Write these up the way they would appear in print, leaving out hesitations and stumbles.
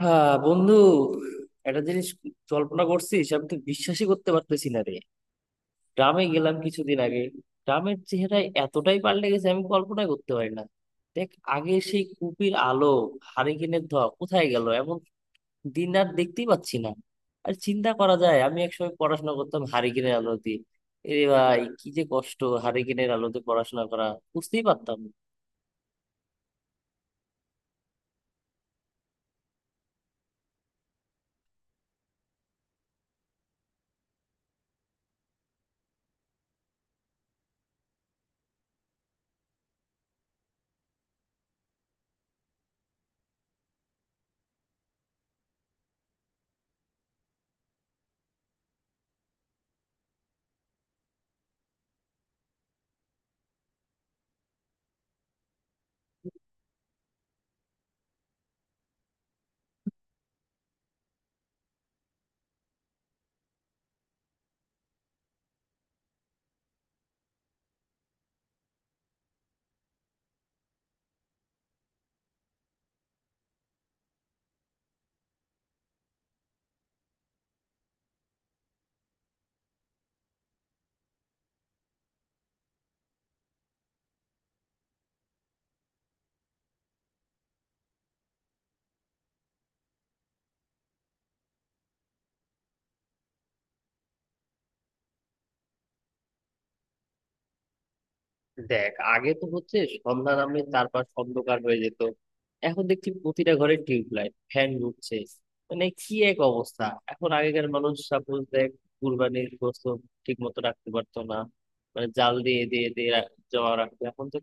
হ্যাঁ বন্ধু, একটা জিনিস কল্পনা করছিস! আমি তো বিশ্বাসই করতে পারতেছি না রে। গ্রামে গেলাম কিছুদিন আগে, গ্রামের চেহারায় এতটাই পাল্টে গেছে আমি কল্পনাই করতে পারি না। দেখ, আগে সেই কুপির আলো, হারিকেনের ধোঁয়া, কোথায় গেল, এমন দিন আর দেখতেই পাচ্ছি না। আর চিন্তা করা যায়, আমি একসময় পড়াশোনা করতাম হারিকেনের আলোতে। এ ভাই, কি যে কষ্ট হারিকেনের আলোতে পড়াশোনা করা বুঝতেই পারতাম না। দেখ, আগে তো হচ্ছে সন্ধ্যা নামলে চারপাশ অন্ধকার হয়ে যেত, এখন দেখছি প্রতিটা ঘরে টিউবলাইট, ফ্যান ঘুরছে। মানে কি এক অবস্থা! এখন আগেকার মানুষ, সাপোজ দেখ, কুরবানির গোশত ঠিক মতো রাখতে পারতো না, মানে জাল দিয়ে দিয়ে দিয়ে রাখ- জমা রাখতো। এখন তো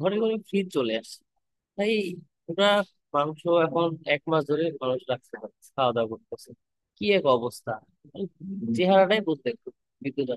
ঘরে ঘরে ফ্রিজ চলে আসছে, তাই ওরা মাংস এখন 1 মাস ধরে মানুষ রাখতে পারছে, খাওয়া দাওয়া করতেছে। কি এক অবস্থা, মানে চেহারাটাই বলতে বিদ্যুৎ।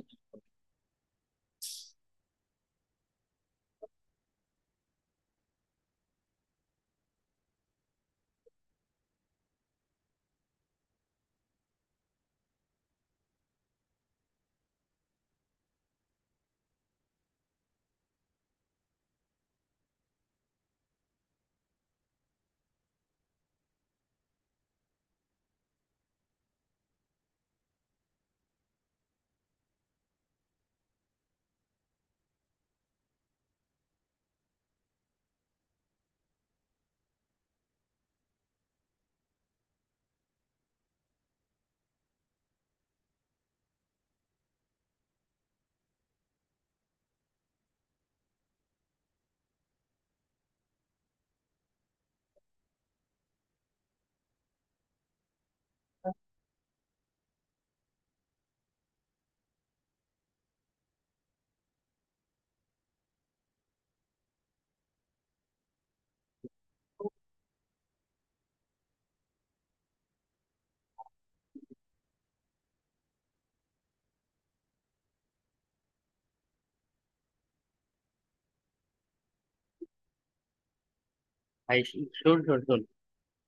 ভাই শোন শোন শোন,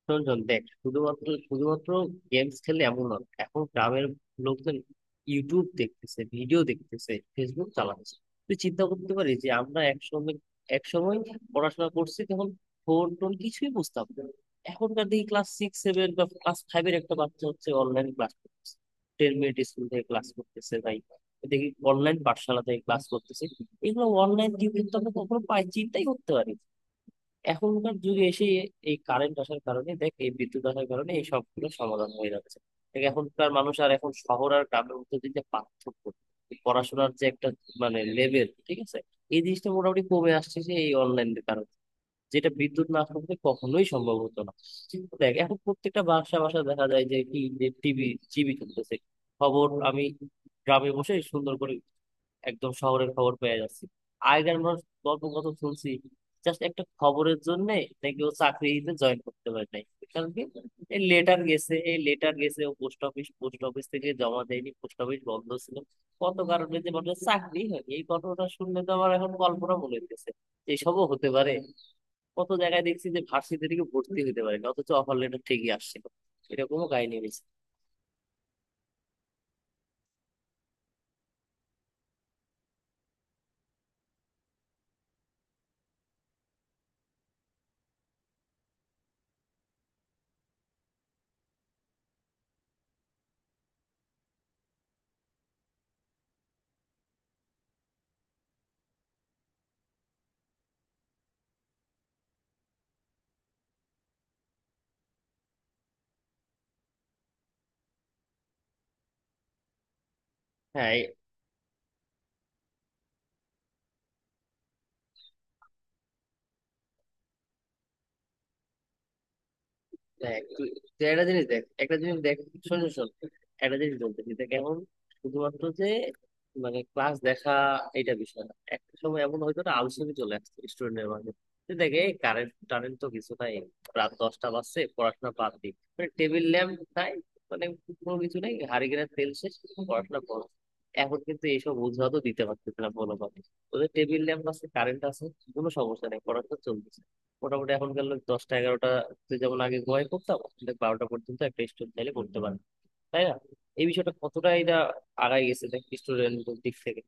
শোন শোন, দেখ, শুধুমাত্র শুধুমাত্র গেমস খেলে এমন না, এখন গ্রামের লোকজন ইউটিউব দেখতেছে, ভিডিও দেখতেছে, ফেসবুক চালাচ্ছে। তুই চিন্তা করতে পারিস যে আমরা একসময় একসময় পড়াশোনা করছি তখন ফোন টোন কিছুই বুঝতাম না। এখনকার দেখি ক্লাস সিক্স সেভেন বা ক্লাস ফাইভের একটা বাচ্চা হচ্ছে অনলাইন ক্লাস করতেছে, টেন মিনিট স্কুল থেকে ক্লাস করতেছে ভাই। দেখি অনলাইন পাঠশালা থেকে ক্লাস করতেছে। এগুলো অনলাইন জীবন তো আমরা কখনো পাই, চিন্তাই করতে পারি না। এখনকার যুগে এসে এই কারেন্ট আসার কারণে, দেখ এই বিদ্যুৎ আসার কারণে এই সবগুলো সমাধান হয়ে যাচ্ছে। দেখ এখনকার মানুষ, আর এখন শহর আর গ্রামের মধ্যে যে একটা পার্থক্য, এই পড়াশোনার যে একটা মানে লেভেল, ঠিক আছে, এই জিনিসটা মোটামুটি কমে আসছে, যে এই অনলাইনের কারণে, যেটা বিদ্যুৎ না থাকলে কখনোই সম্ভব হতো না। কিন্তু দেখ, এখন প্রত্যেকটা বাসা বাসা দেখা যায় যে কি, যে টিভি টিভি চলতেছে, খবর আমি গ্রামে বসে সুন্দর করে একদম শহরের খবর পেয়ে যাচ্ছি। আগের মানুষ গল্প কত শুনছি জাস্ট একটা খবরের জন্য নাকি ও চাকরিতে জয়েন করতে পারে নাই। কারণ কি? এই লেটার গেছে, এই লেটার গেছে, ও পোস্ট অফিস থেকে জমা দেয়নি, পোস্ট অফিস বন্ধ ছিল। কত কারণে যে মানুষের চাকরি হয়, এই ঘটনাটা শুনলে তো আমার এখন কল্পনা মনে হইতেছে যে এসবও হতে পারে। কত জায়গায় দেখছি যে ভার্সিটি থেকে ভর্তি হতে পারে না, অথচ অফার লেটার ঠিকই আসছিল। এরকমও কাহিনী হয়েছে। হ্যাঁ, দেখ, তুই তুই একটা জিনিস দেখ, একটা জিনিস দেখ, শোন শোন শোন, একটা জিনিস বলতেছি। দেখ এখন শুধুমাত্র যে মানে ক্লাস দেখা, এটা বিষয় না, একটা সময় এমন হয়তো না, আলসেমি চলে আসছে স্টুডেন্টের মাঝে। তুই দেখ, এই কারেন্ট টারেন্ট তো কিছু নাই, রাত 10টা বাজছে, পড়াশোনা বাদ দি, মানে টেবিল ল্যাম্প নাই, মানে কোনো কিছু নাই, হারিকেনের তেল শেষ, পড়াশোনা করো। এখন কিন্তু এইসব অজুহাতও দিতে পারতেছে না কোনোভাবে। ওদের টেবিল ল্যাম্প আছে, কারেন্ট আছে, কোনো সমস্যা নেই, পড়াশোনা চলতেছে মোটামুটি। এখনকার লোক দশটা, এগারোটা, তুই যেমন আগে ঘুমাই পড়তাম, দেখ 12টা পর্যন্ত একটা স্টুডেন্ট চাইলে পড়তে পারে, তাই না? এই বিষয়টা কতটা, এটা আগায় গেছে দেখ স্টুডেন্টদের দিক থেকে।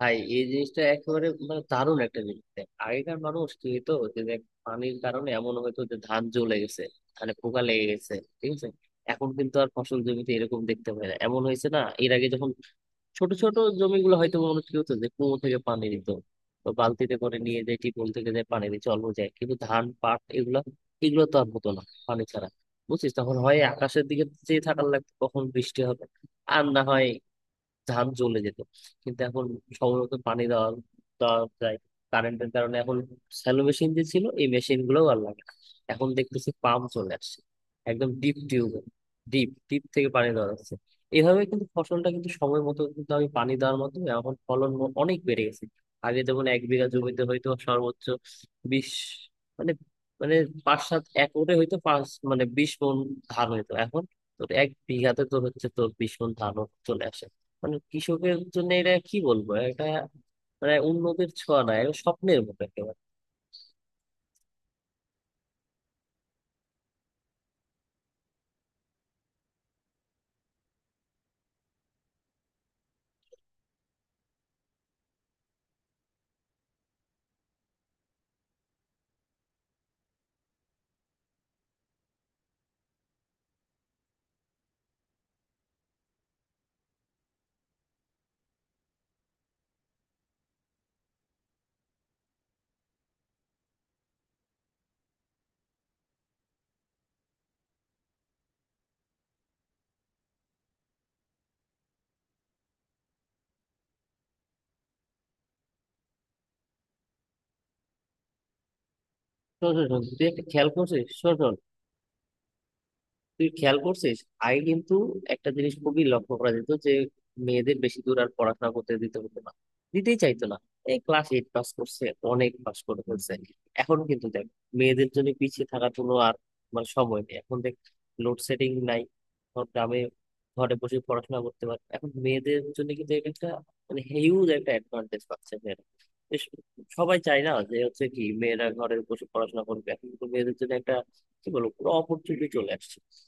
ভাই এই জিনিসটা একেবারে মানে দারুণ একটা জিনিস। দেখ আগেকার মানুষ কি হতো, যে দেখ পানির কারণে এমন হয়তো যে ধান জ্বলে গেছে, ধানে পোকা লেগে গেছে, ঠিক আছে। এখন কিন্তু আর ফসল জমিতে এরকম দেখতে পাই না। এমন হয়েছে না, এর আগে যখন ছোট ছোট জমিগুলো হয়তো, মানুষ কি হতো, যে কুয়ো থেকে পানি দিত বা বালতিতে করে নিয়ে যায়, টিউবওয়েল থেকে যায় পানি দিয়ে চলবো যায়, কিন্তু ধান পাট এগুলা, এগুলো তো আর হতো না পানি ছাড়া। বুঝছিস? তখন হয় আকাশের দিকে চেয়ে থাকার লাগতো কখন বৃষ্টি হবে, আর না হয় ধান জ্বলে যেত। কিন্তু এখন সময়মতো পানি দেওয়া দেওয়া যায় কারেন্টের কারণে। এখন শ্যালো মেশিন যে ছিল, এই মেশিন গুলোও আর লাগে না। এখন দেখতেছি পাম্প চলে আসছে, একদম ডিপ টিউব ডিপ ডিপ থেকে পানি দেওয়া যাচ্ছে। এইভাবে কিন্তু ফসলটা কিন্তু সময় মতো কিন্তু আমি পানি দেওয়ার মাধ্যমে এখন অনেক বেড়ে গেছে। আগে যেমন 1 বিঘা জমিতে হয়তো সর্বোচ্চ বিশ, মানে, মানে পাঁচ সাত একরে হয়তো পাঁচ, মানে 20 মণ ধান হইতো, এখন তোর 1 বিঘাতে তোর হচ্ছে তোর 20 মণ ধান চলে আসে। মানে কৃষকের জন্য এটা কি বলবো, এটা মানে উন্নতির ছোঁয়া না, এটা স্বপ্নের মতো একেবারে। শোন শোন শোন, তুই একটা খেয়াল করছিস? শোন শোন, তুই খেয়াল করছিস, আগে কিন্তু একটা জিনিস খুবই লক্ষ্য করা যেত, যে মেয়েদের বেশি দূর আর পড়াশোনা করতে দিতে হতো না, দিতেই চাইতো না। এই ক্লাস এইট পাস করছে অনেক, পাস করে ফেলছে। এখন কিন্তু দেখ মেয়েদের জন্য পিছিয়ে থাকার কোনো আর মানে সময় নেই। এখন দেখ লোডশেডিং নাই সব গ্রামে, ঘরে বসে পড়াশোনা করতে পারে। এখন মেয়েদের জন্য কিন্তু এটা একটা মানে হিউজ একটা অ্যাডভান্টেজ পাচ্ছে মেয়েরা। বেশ, সবাই চায় না যে হচ্ছে কি মেয়েরা ঘরে বসে পড়াশোনা করবে, এখন কিন্তু মেয়েদের জন্য একটা কি বলবো পুরো অপরচুনিটি চলে আসছে।